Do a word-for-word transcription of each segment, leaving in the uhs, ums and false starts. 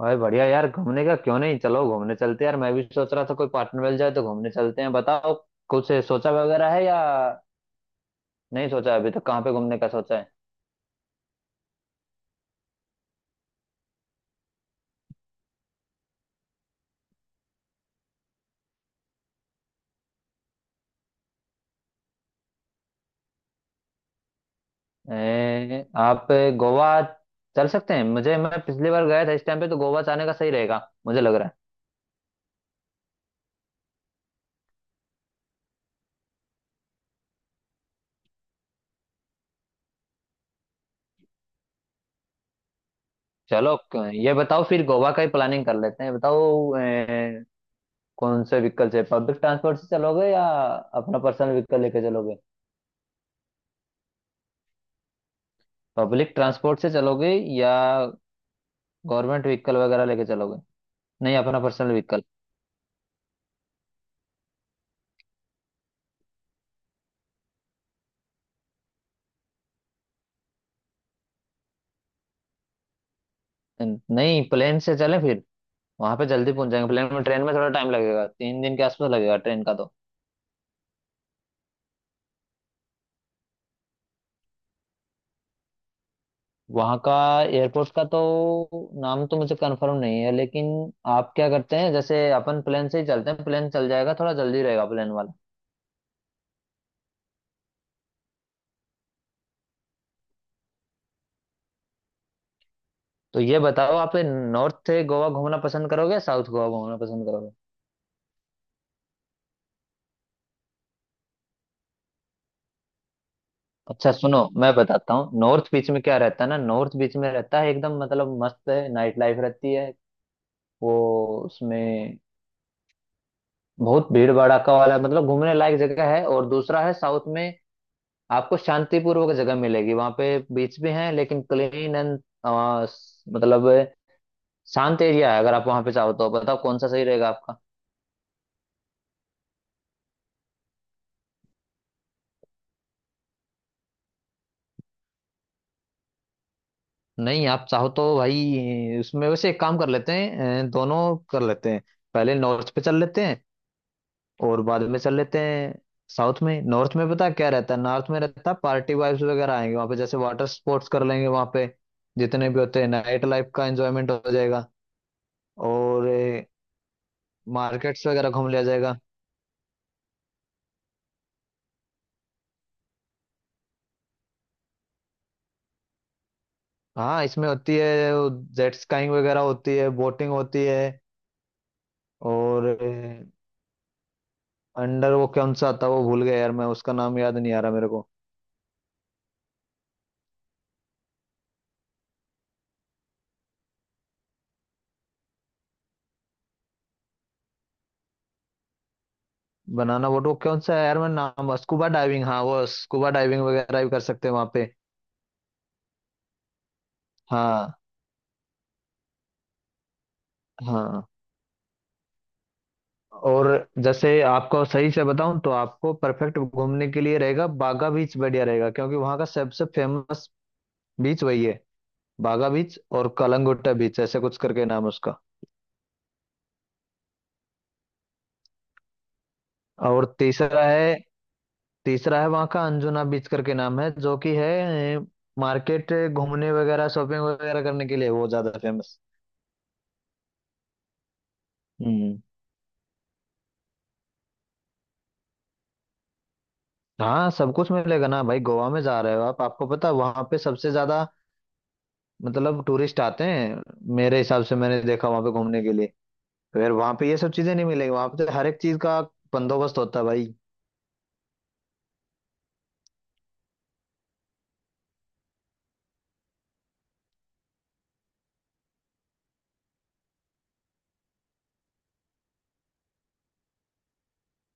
भाई बढ़िया यार, घूमने का क्यों नहीं, चलो घूमने चलते हैं यार। मैं भी सोच रहा था कोई पार्टनर मिल जाए तो घूमने चलते हैं। बताओ कुछ सोचा वगैरह है या नहीं? सोचा अभी तक कहाँ पे घूमने का? सोचा है ए, आप गोवा चल सकते हैं। मुझे मैं पिछली बार गया था इस टाइम पे, तो गोवा जाने का सही रहेगा मुझे लग रहा है। चलो क- ये बताओ फिर गोवा का ही प्लानिंग कर लेते हैं। बताओ ए, कौन से व्हीकल से, पब्लिक ट्रांसपोर्ट से चलोगे या अपना पर्सनल व्हीकल लेके चलोगे? पब्लिक ट्रांसपोर्ट से चलोगे या गवर्नमेंट व्हीकल वगैरह लेके चलोगे? नहीं, अपना पर्सनल व्हीकल। नहीं, प्लेन से चले फिर, वहां पे जल्दी पहुंच जाएंगे प्लेन में। ट्रेन में थोड़ा टाइम लगेगा, तीन दिन के आसपास लगेगा ट्रेन का तो। वहां का एयरपोर्ट का तो नाम तो मुझे कंफर्म नहीं है, लेकिन आप क्या करते हैं, जैसे अपन प्लेन से ही चलते हैं, प्लेन चल जाएगा, थोड़ा जल्दी रहेगा प्लेन वाला। तो ये बताओ, आप नॉर्थ गोवा घूमना पसंद करोगे या साउथ गोवा घूमना पसंद करोगे? अच्छा सुनो, मैं बताता हूँ। नॉर्थ बीच में क्या रहता है ना, नॉर्थ बीच में रहता है एकदम मतलब मस्त है, नाइट लाइफ रहती है वो, उसमें बहुत भीड़ भड़ाका वाला मतलब घूमने लायक जगह है। और दूसरा है साउथ में, आपको शांतिपूर्वक जगह मिलेगी वहां पे। बीच भी है लेकिन क्लीन एंड मतलब शांत एरिया है। अगर आप वहां पे चाहो तो बताओ कौन सा सही रहेगा आपका? नहीं, आप चाहो तो भाई उसमें वैसे एक काम कर लेते हैं, अ, दोनों कर लेते हैं। पहले नॉर्थ पे चल लेते हैं और बाद में चल लेते हैं साउथ में। नॉर्थ में पता है क्या रहता है? नॉर्थ में रहता है पार्टी वाइब्स वगैरह आएंगे वहां पे, जैसे वाटर स्पोर्ट्स कर लेंगे वहां पे जितने भी होते हैं, नाइट लाइफ का एंजॉयमेंट हो जाएगा, और मार्केट्स वगैरह घूम लिया जाएगा। हाँ, इसमें होती है जेट स्काइंग वगैरह, होती है बोटिंग, होती है। और अंडर वो कौन सा आता है, वो भूल गया यार, मैं उसका नाम याद नहीं आ रहा मेरे को। बनाना बोट, वो कौन सा है यार, मैं नाम, स्कूबा डाइविंग, हाँ वो स्कूबा डाइविंग वगैरह भी कर सकते हैं वहाँ पे। हाँ, हाँ। और जैसे आपको सही से बताऊं, तो आपको परफेक्ट घूमने के लिए रहेगा बागा बीच, बढ़िया रहेगा क्योंकि वहाँ का सबसे फेमस बीच वही है, बागा बीच और कलंगुट्टा बीच ऐसे कुछ करके नाम है उसका। और तीसरा है, तीसरा है वहाँ का अंजुना बीच करके नाम है, जो कि है मार्केट घूमने वगैरह शॉपिंग वगैरह करने के लिए, वो ज्यादा फेमस। हम्म। हाँ सब कुछ मिलेगा ना भाई, गोवा में जा रहे हो आप, आपको पता है वहाँ पे सबसे ज्यादा मतलब टूरिस्ट आते हैं। मेरे हिसाब से मैंने देखा, वहाँ पे घूमने के लिए फिर वहाँ पे ये सब चीजें नहीं मिलेगी, वहाँ पे तो हर एक चीज का बंदोबस्त होता है भाई।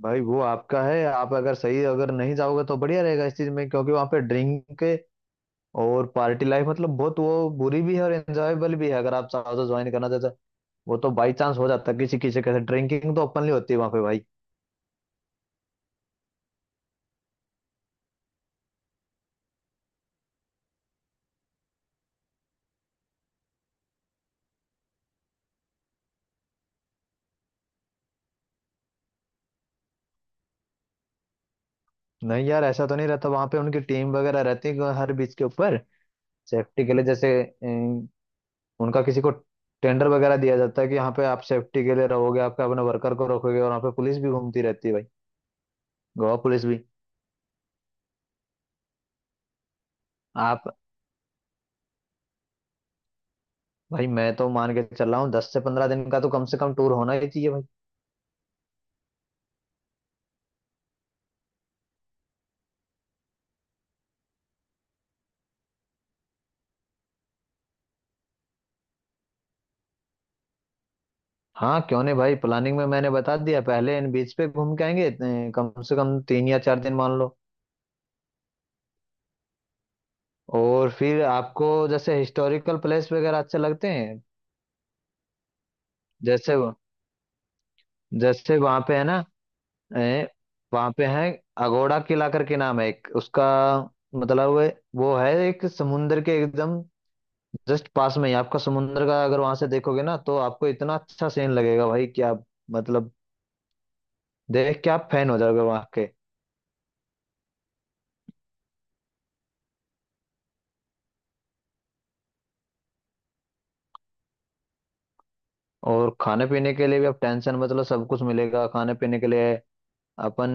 भाई वो आपका है, आप अगर सही अगर नहीं जाओगे तो बढ़िया रहेगा इस चीज में, क्योंकि वहां पे ड्रिंक और पार्टी लाइफ मतलब बहुत वो, बुरी भी है और एंजॉयबल भी है अगर आप चाहो तो ज्वाइन करना चाहते हो। वो तो बाई चांस हो जाता है किसी किसी के साथ, ड्रिंकिंग तो ओपनली होती है वहां पे भाई। नहीं यार, ऐसा तो नहीं रहता वहां पे, उनकी टीम वगैरह रहती है हर बीच के ऊपर सेफ्टी के लिए, जैसे अम, उनका किसी को टेंडर वगैरह दिया जाता है कि यहाँ पे आप सेफ्टी के लिए रहोगे, आपके अपने वर्कर को रखोगे, और वहाँ पे पुलिस भी घूमती रहती है भाई, गोवा पुलिस भी। आप, भाई मैं तो मान के चल रहा हूँ दस से पंद्रह दिन का तो कम से कम टूर होना ही चाहिए भाई। हाँ क्यों नहीं भाई, प्लानिंग में मैंने बता दिया, पहले इन बीच पे घूम के आएंगे इतने- कम से कम तीन या चार दिन मान लो। और फिर आपको जैसे हिस्टोरिकल प्लेस वगैरह अच्छे लगते हैं, जैसे जैसे वहाँ पे है ना, ए, वहाँ पे है अगोड़ा किला करके नाम है एक उसका। मतलब वो वो है एक समुंदर के एकदम जस्ट पास में ही, आपका समुंदर का अगर वहां से देखोगे ना तो आपको इतना अच्छा सीन लगेगा भाई, क्या मतलब, देख के आप फैन हो जाओगे वहाँ के। और खाने पीने के लिए भी आप टेंशन, मतलब सब कुछ मिलेगा खाने पीने के लिए। अपन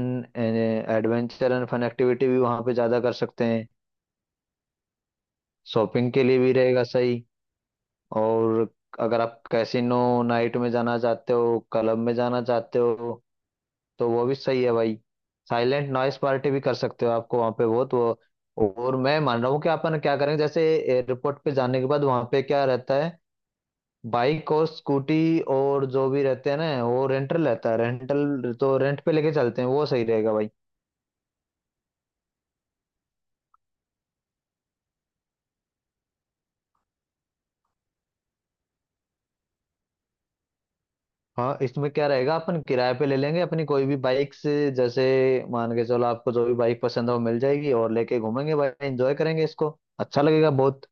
एडवेंचर एंड फन एक्टिविटी भी वहाँ पे ज़्यादा कर सकते हैं, शॉपिंग के लिए भी रहेगा सही। और अगर आप कैसीनो नाइट में जाना चाहते हो, क्लब में जाना चाहते हो, तो वो भी सही है भाई। साइलेंट नॉइस पार्टी भी कर सकते हो, आपको वहाँ पे बहुत वो। और मैं मान रहा हूँ कि अपन क्या करेंगे, जैसे एयरपोर्ट पे जाने के बाद वहाँ पे क्या रहता है, बाइक और स्कूटी और जो भी रहते हैं ना, वो रेंटल रहता है, रेंटल तो रेंट पे लेके चलते हैं, वो सही रहेगा भाई। हाँ इसमें क्या रहेगा, अपन किराए पे ले लेंगे अपनी कोई भी बाइक, से जैसे मान के चलो आपको जो भी बाइक पसंद हो मिल जाएगी, और लेके घूमेंगे भाई, एंजॉय करेंगे इसको, अच्छा लगेगा बहुत।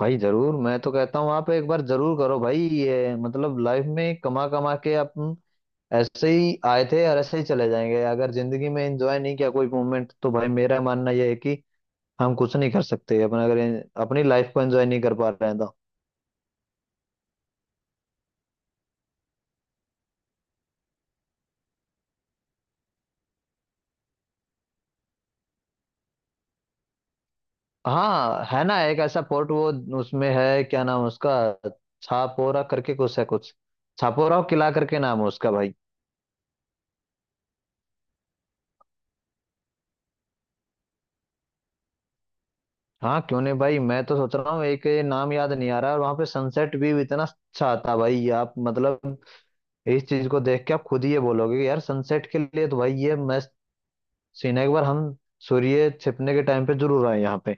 भाई जरूर, मैं तो कहता हूँ आप एक बार जरूर करो भाई, ये मतलब लाइफ में कमा कमा के अपन ऐसे ही आए थे और ऐसे ही चले जाएंगे, अगर जिंदगी में एंजॉय नहीं किया कोई मोमेंट, तो भाई मेरा मानना यह है कि हम कुछ नहीं कर सकते। अपन अगर अपनी लाइफ को एंजॉय नहीं कर पा रहे हैं तो। हाँ है ना, एक ऐसा पोर्ट वो, उसमें है क्या नाम है उसका, छापोरा करके कुछ है, कुछ छापोरा और किला करके नाम है उसका भाई। हाँ क्यों नहीं भाई, मैं तो सोच रहा हूँ, एक ये नाम याद नहीं आ रहा। और वहां पे सनसेट भी इतना अच्छा आता है भाई, आप मतलब इस चीज को देख के आप खुद ही ये बोलोगे कि यार सनसेट के लिए तो भाई ये मस्त सीन है। एक बार हम सूर्य छिपने के टाइम पे जरूर आए यहाँ पे।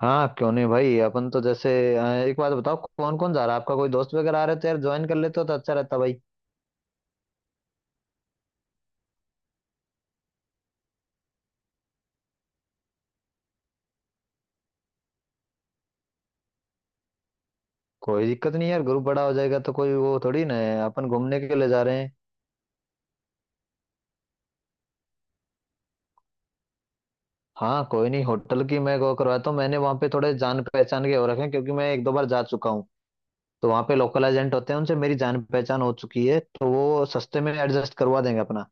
हाँ क्यों नहीं भाई, अपन तो जैसे अ, एक बात बताओ, कौन कौन जा रहा है आपका? कोई दोस्त वगैरह आ रहे तो यार ज्वाइन कर लेते हो तो अच्छा रहता भाई। कोई दिक्कत नहीं यार, ग्रुप बड़ा हो जाएगा तो कोई वो थोड़ी ना है, अपन घूमने के लिए जा रहे हैं। हाँ कोई नहीं, होटल की मैं वो करवाता हूँ, मैंने वहाँ पे थोड़े जान पहचान के हो रखे हैं क्योंकि मैं एक दो बार जा चुका हूँ, तो वहाँ पे लोकल एजेंट होते हैं, उनसे मेरी जान पहचान हो चुकी है, तो वो सस्ते में एडजस्ट करवा देंगे अपना।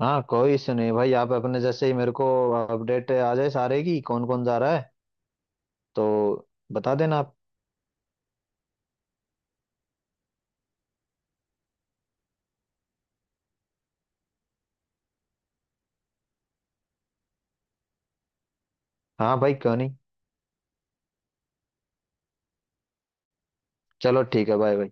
हाँ कोई इश्यू नहीं भाई, आप अपने जैसे ही मेरे को अपडेट आ जाए सारे की कौन कौन जा रहा है तो बता देना आप। हाँ भाई क्यों नहीं। चलो ठीक है, बाय बाय।